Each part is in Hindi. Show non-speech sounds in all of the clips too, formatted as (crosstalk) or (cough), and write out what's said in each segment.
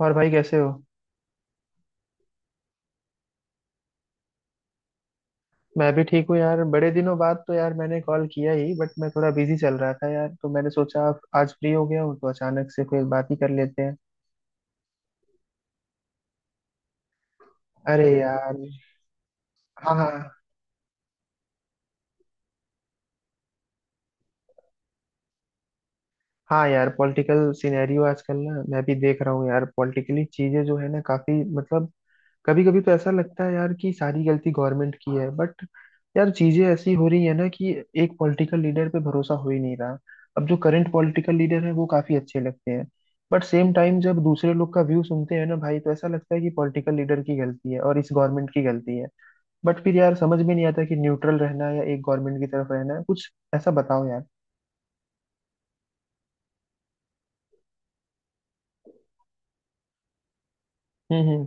और भाई कैसे हो? मैं भी ठीक हूँ यार, बड़े दिनों बाद। तो यार मैंने कॉल किया ही, बट मैं थोड़ा बिजी चल रहा था यार, तो मैंने सोचा आप आज फ्री हो गया हूँ तो अचानक से कोई बात ही कर लेते हैं। अरे यार, हाँ हाँ। हाँ यार, पॉलिटिकल सिनेरियो आजकल ना मैं भी देख रहा हूँ यार, पॉलिटिकली चीजें जो है ना काफी मतलब कभी कभी तो ऐसा लगता है यार कि सारी गलती गवर्नमेंट की है। बट यार चीजें ऐसी हो रही है ना कि एक पॉलिटिकल लीडर पे भरोसा हो ही नहीं रहा। अब जो करंट पॉलिटिकल लीडर है वो काफी अच्छे लगते हैं, बट सेम टाइम जब दूसरे लोग का व्यू सुनते हैं ना भाई, तो ऐसा लगता है कि पॉलिटिकल लीडर की गलती है और इस गवर्नमेंट की गलती है। बट फिर यार समझ में नहीं आता कि न्यूट्रल रहना है या एक गवर्नमेंट की तरफ रहना है, कुछ ऐसा बताओ यार। हम्म।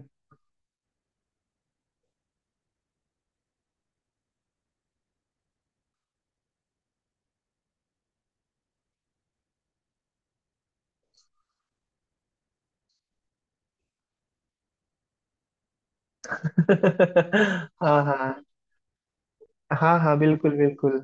(laughs) हाँ हाँ। हाँ हाँ, बिल्कुल बिल्कुल।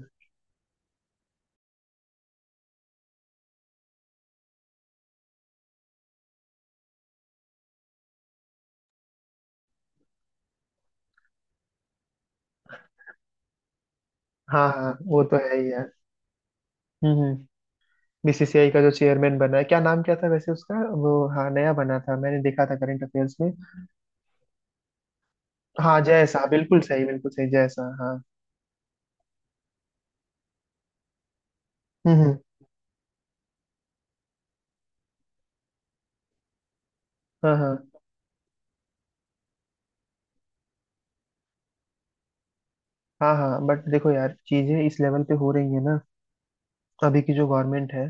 हाँ हाँ, वो तो है ही यार। हम्म। बीसीसीआई का जो चेयरमैन बना है, क्या नाम क्या था वैसे उसका? वो हाँ, नया बना था, मैंने देखा था करंट अफेयर्स में। हाँ जय शाह, बिल्कुल सही बिल्कुल सही, जय शाह हाँ। हम्म। हाँ हाँ। हाँ हाँ, बट देखो यार चीजें इस लेवल पे हो रही है ना। अभी की जो गवर्नमेंट है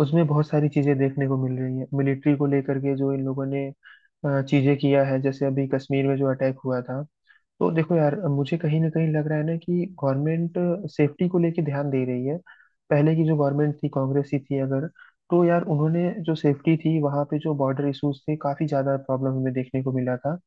उसमें बहुत सारी चीजें देखने को मिल रही है मिलिट्री को लेकर के, जो इन लोगों ने चीजें किया है, जैसे अभी कश्मीर में जो अटैक हुआ था। तो देखो यार मुझे कहीं ना कहीं लग रहा है ना कि गवर्नमेंट सेफ्टी को लेके ध्यान दे रही है। पहले की जो गवर्नमेंट थी, कांग्रेस की थी अगर, तो यार उन्होंने जो सेफ्टी थी, वहाँ पे जो बॉर्डर इश्यूज थे, काफी ज्यादा प्रॉब्लम हमें देखने को मिला था।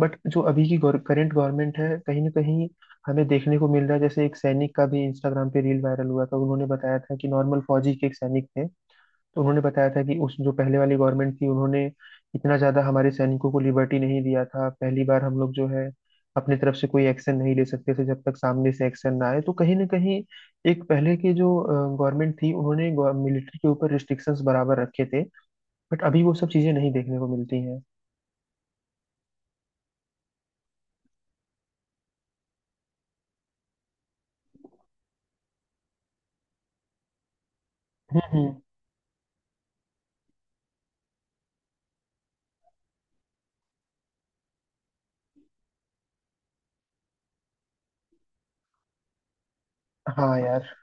बट जो अभी की करंट गवर्नमेंट है कहीं ना कहीं हमें देखने को मिल रहा है, जैसे एक सैनिक का भी इंस्टाग्राम पे रील वायरल हुआ था, उन्होंने बताया था कि नॉर्मल फौजी के एक सैनिक थे, तो उन्होंने बताया था कि उस जो पहले वाली गवर्नमेंट थी उन्होंने इतना ज्यादा हमारे सैनिकों को लिबर्टी नहीं दिया था। पहली बार हम लोग जो है अपनी तरफ से कोई एक्शन नहीं ले सकते थे जब तक सामने से एक्शन ना आए, तो कहीं ना कहीं एक पहले की जो गवर्नमेंट थी उन्होंने मिलिट्री के ऊपर रिस्ट्रिक्शंस बराबर रखे थे, बट अभी वो सब चीजें नहीं देखने को मिलती हैं। हम्म हम्म। हाँ यार।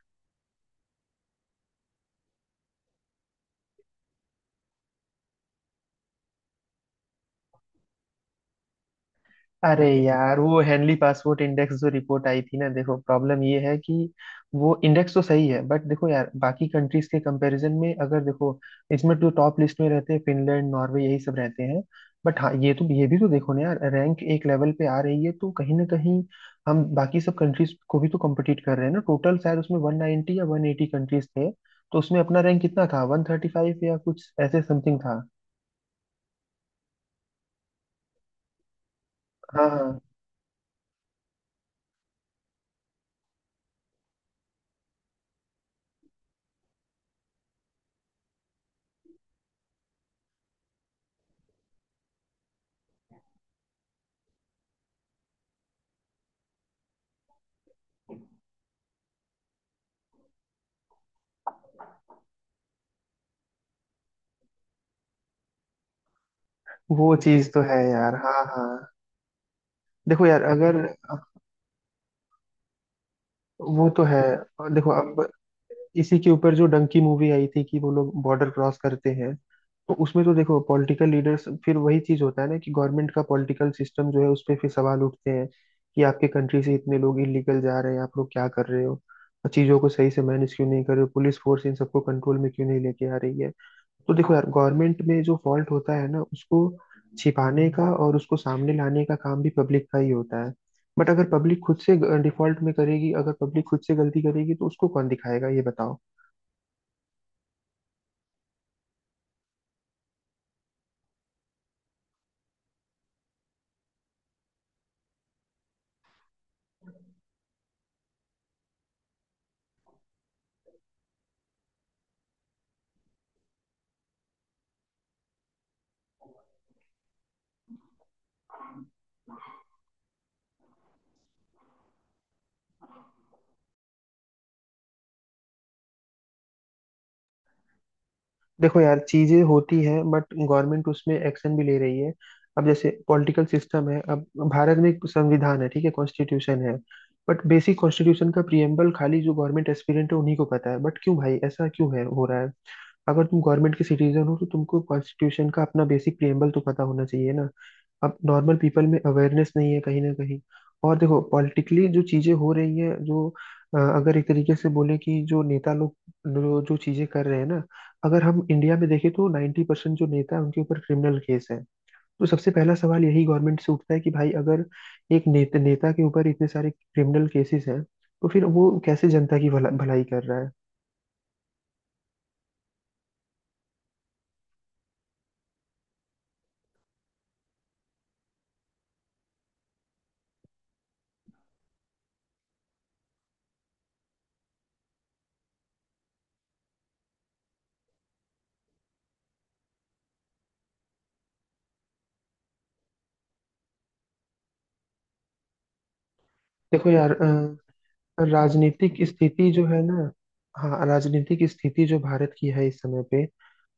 अरे यार वो हेनली पासपोर्ट इंडेक्स जो रिपोर्ट आई थी ना, देखो प्रॉब्लम ये है कि वो इंडेक्स तो सही है, बट देखो यार बाकी कंट्रीज के कंपैरिजन में अगर देखो, इसमें तो टॉप लिस्ट में रहते हैं फिनलैंड नॉर्वे यही सब रहते हैं। बट हाँ ये तो, ये भी तो देखो ना यार, रैंक एक लेवल पे आ रही है तो कहीं ना कहीं हम बाकी सब कंट्रीज को भी तो कम्पिटिट कर रहे हैं ना। टोटल शायद उसमें वन नाइनटी या वन एटी कंट्रीज थे, तो उसमें अपना रैंक कितना था, वन थर्टी फाइव या कुछ ऐसे समथिंग था। हाँ हाँ, वो चीज तो है यार। हाँ हाँ, देखो यार अगर। वो तो है। और देखो अब इसी के ऊपर जो डंकी मूवी आई थी कि वो लोग बॉर्डर क्रॉस करते हैं, तो उसमें तो देखो पॉलिटिकल लीडर्स फिर वही चीज होता है ना कि गवर्नमेंट का पॉलिटिकल सिस्टम जो है उस पर फिर सवाल उठते हैं कि आपके कंट्री से इतने लोग इलीगल जा रहे हैं, आप लोग क्या कर रहे हो और चीजों को सही से मैनेज क्यों नहीं कर रहे हो, पुलिस फोर्स इन सबको कंट्रोल में क्यों नहीं लेके आ रही है। तो देखो यार गवर्नमेंट में जो फॉल्ट होता है ना उसको छिपाने का और उसको सामने लाने का काम भी पब्लिक का ही होता है। बट अगर पब्लिक खुद से डिफॉल्ट में करेगी, अगर पब्लिक खुद से गलती करेगी तो उसको कौन दिखाएगा, ये बताओ। देखो यार चीजें होती हैं बट गवर्नमेंट उसमें एक्शन भी ले रही है। अब जैसे पॉलिटिकल सिस्टम है, अब भारत में एक संविधान है, ठीक है, कॉन्स्टिट्यूशन है। बट बेसिक कॉन्स्टिट्यूशन का प्रिएम्बल खाली जो गवर्नमेंट एस्पिरेंट है उन्हीं को पता है, बट क्यों भाई, ऐसा क्यों है हो रहा है? अगर तुम गवर्नमेंट के सिटीजन हो तो तुमको कॉन्स्टिट्यूशन का अपना बेसिक प्रिएम्बल तो पता होना चाहिए ना। अब नॉर्मल पीपल में अवेयरनेस नहीं है कहीं ना कहीं। और देखो पॉलिटिकली जो चीजें हो रही है जो अगर एक तरीके से बोले कि जो नेता लोग जो जो चीजें कर रहे हैं ना, अगर हम इंडिया में देखें तो 90% परसेंट जो नेता है उनके ऊपर क्रिमिनल केस है। तो सबसे पहला सवाल यही गवर्नमेंट से उठता है कि भाई अगर एक नेता नेता के ऊपर इतने सारे क्रिमिनल केसेस हैं तो फिर वो कैसे जनता की भलाई कर रहा है? देखो यार राजनीतिक स्थिति जो है ना, हाँ राजनीतिक स्थिति जो भारत की है इस समय पे,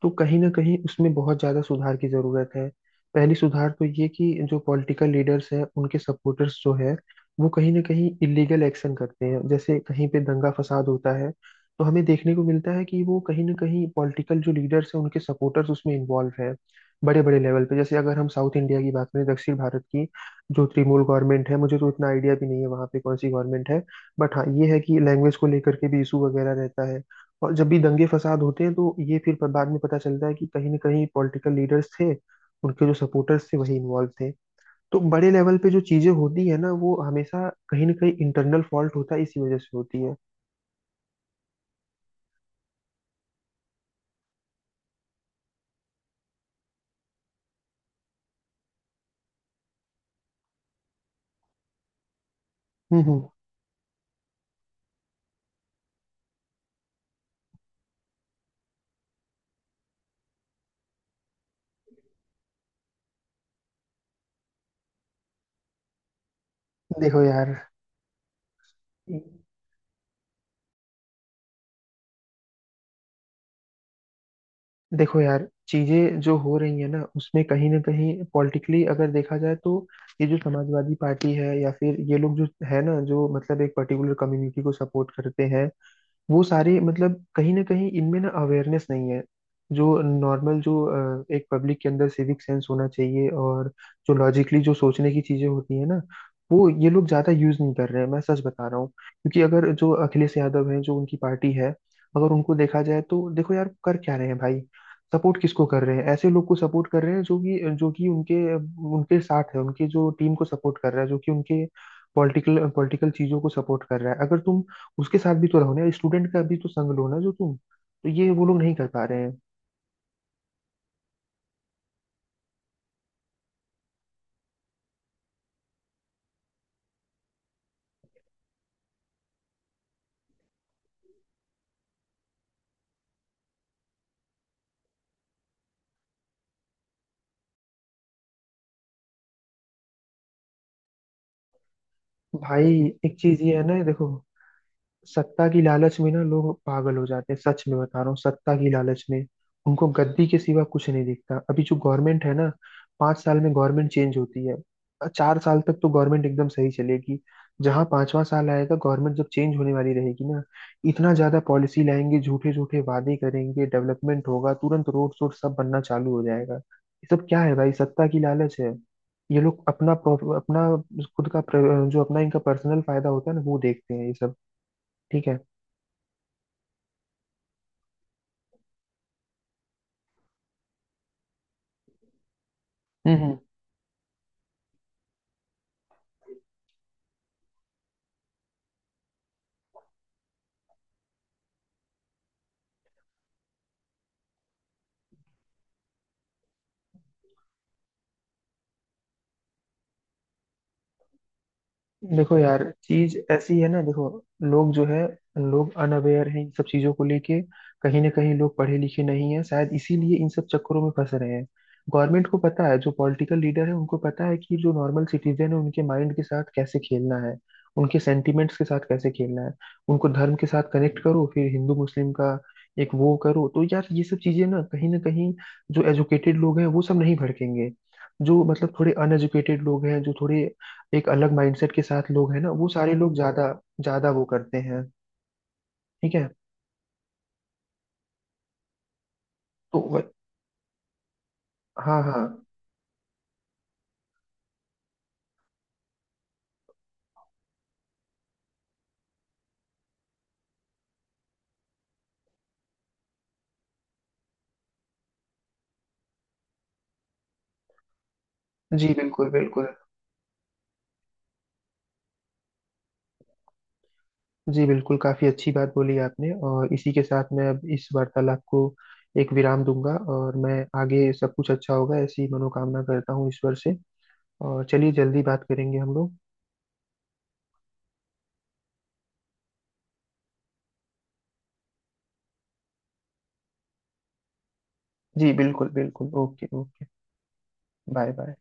तो कहीं ना कहीं उसमें बहुत ज्यादा सुधार की जरूरत है। पहली सुधार तो ये कि जो पॉलिटिकल लीडर्स हैं उनके सपोर्टर्स जो है वो कहीं ना कहीं इलीगल एक्शन करते हैं, जैसे कहीं पे दंगा फसाद होता है तो हमें देखने को मिलता है कि वो कहीं ना कहीं पॉलिटिकल जो लीडर्स हैं उनके सपोर्टर्स उसमें इन्वॉल्व हैं। बड़े बड़े लेवल पे जैसे अगर हम साउथ इंडिया की बात करें, दक्षिण भारत की, जो तृणमूल गवर्नमेंट है, मुझे तो इतना आइडिया भी नहीं है वहाँ पे कौन सी गवर्नमेंट है, बट हाँ ये है कि लैंग्वेज को लेकर के भी इशू वगैरह रहता है और जब भी दंगे फसाद होते हैं तो ये फिर बाद में पता चलता है कि कहीं ना कहीं पॉलिटिकल लीडर्स थे, उनके जो सपोर्टर्स थे वही इन्वॉल्व थे। तो बड़े लेवल पे जो चीजें होती है ना वो हमेशा कहीं ना कहीं इंटरनल फॉल्ट होता है, इसी वजह से होती है। हम्म। देखो यार, देखो यार चीजें जो हो रही है ना उसमें कहीं ना कहीं पॉलिटिकली अगर देखा जाए तो, ये जो समाजवादी पार्टी है या फिर ये लोग जो है ना, जो मतलब एक पर्टिकुलर कम्युनिटी को सपोर्ट करते हैं, वो सारे मतलब कहीं ना कहीं इनमें ना अवेयरनेस नहीं है। जो नॉर्मल जो एक पब्लिक के अंदर सिविक सेंस होना चाहिए और जो लॉजिकली जो सोचने की चीजें होती है ना वो ये लोग ज्यादा यूज नहीं कर रहे हैं, मैं सच बता रहा हूँ, क्योंकि अगर जो अखिलेश यादव हैं, जो उनकी पार्टी है, अगर उनको देखा जाए तो देखो यार कर क्या रहे हैं भाई। सपोर्ट किसको कर रहे हैं, ऐसे लोग को सपोर्ट कर रहे हैं जो कि उनके उनके साथ है, उनके जो टीम को सपोर्ट कर रहा है, जो कि उनके पॉलिटिकल पॉलिटिकल चीजों को सपोर्ट कर रहा है। अगर तुम उसके साथ भी तो रहो ना यार, स्टूडेंट का भी तो संग लो ना, जो तुम, तो ये वो लोग नहीं कर पा रहे हैं। भाई एक चीज ये है ना देखो, सत्ता की लालच में ना लोग पागल हो जाते हैं, सच में बता रहा हूँ। सत्ता की लालच में उनको गद्दी के सिवा कुछ नहीं दिखता। अभी जो गवर्नमेंट है ना, पांच साल में गवर्नमेंट चेंज होती है, चार साल तक तो गवर्नमेंट एकदम सही चलेगी, जहां पांचवा साल आएगा गवर्नमेंट जब चेंज होने वाली रहेगी ना, इतना ज्यादा पॉलिसी लाएंगे, झूठे झूठे वादे करेंगे, डेवलपमेंट होगा तुरंत, रोड शोड सब बनना चालू हो जाएगा। ये सब क्या है भाई, सत्ता की लालच है। ये लोग अपना अपना खुद का जो अपना इनका पर्सनल फायदा होता है ना वो देखते हैं ये सब। ठीक है। हम्म हम्म। देखो यार चीज ऐसी है ना, देखो लोग जो है, लोग अनअवेयर हैं इन सब चीजों को लेके, कहीं ना कहीं लोग पढ़े लिखे नहीं है शायद, इसीलिए इन सब चक्करों में फंस रहे हैं। गवर्नमेंट को पता है, जो पॉलिटिकल लीडर है उनको पता है कि जो नॉर्मल सिटीजन है उनके माइंड के साथ कैसे खेलना है, उनके सेंटिमेंट्स के साथ कैसे खेलना है। उनको धर्म के साथ कनेक्ट करो, फिर हिंदू मुस्लिम का एक वो करो, तो यार ये सब चीजें ना कहीं ना कहीं, जो एजुकेटेड लोग हैं वो सब नहीं भड़केंगे, जो मतलब थोड़े अनएजुकेटेड लोग हैं, जो थोड़े एक अलग माइंडसेट के साथ लोग हैं ना, वो सारे लोग ज्यादा ज्यादा वो करते हैं। ठीक है, तो हाँ हाँ। जी बिल्कुल बिल्कुल। जी बिल्कुल, काफी अच्छी बात बोली आपने, और इसी के साथ मैं अब इस वार्तालाप को एक विराम दूंगा, और मैं आगे सब कुछ अच्छा होगा ऐसी मनोकामना करता हूँ ईश्वर से, और चलिए जल्दी बात करेंगे हम लोग। जी बिल्कुल बिल्कुल, ओके ओके। Bye bye.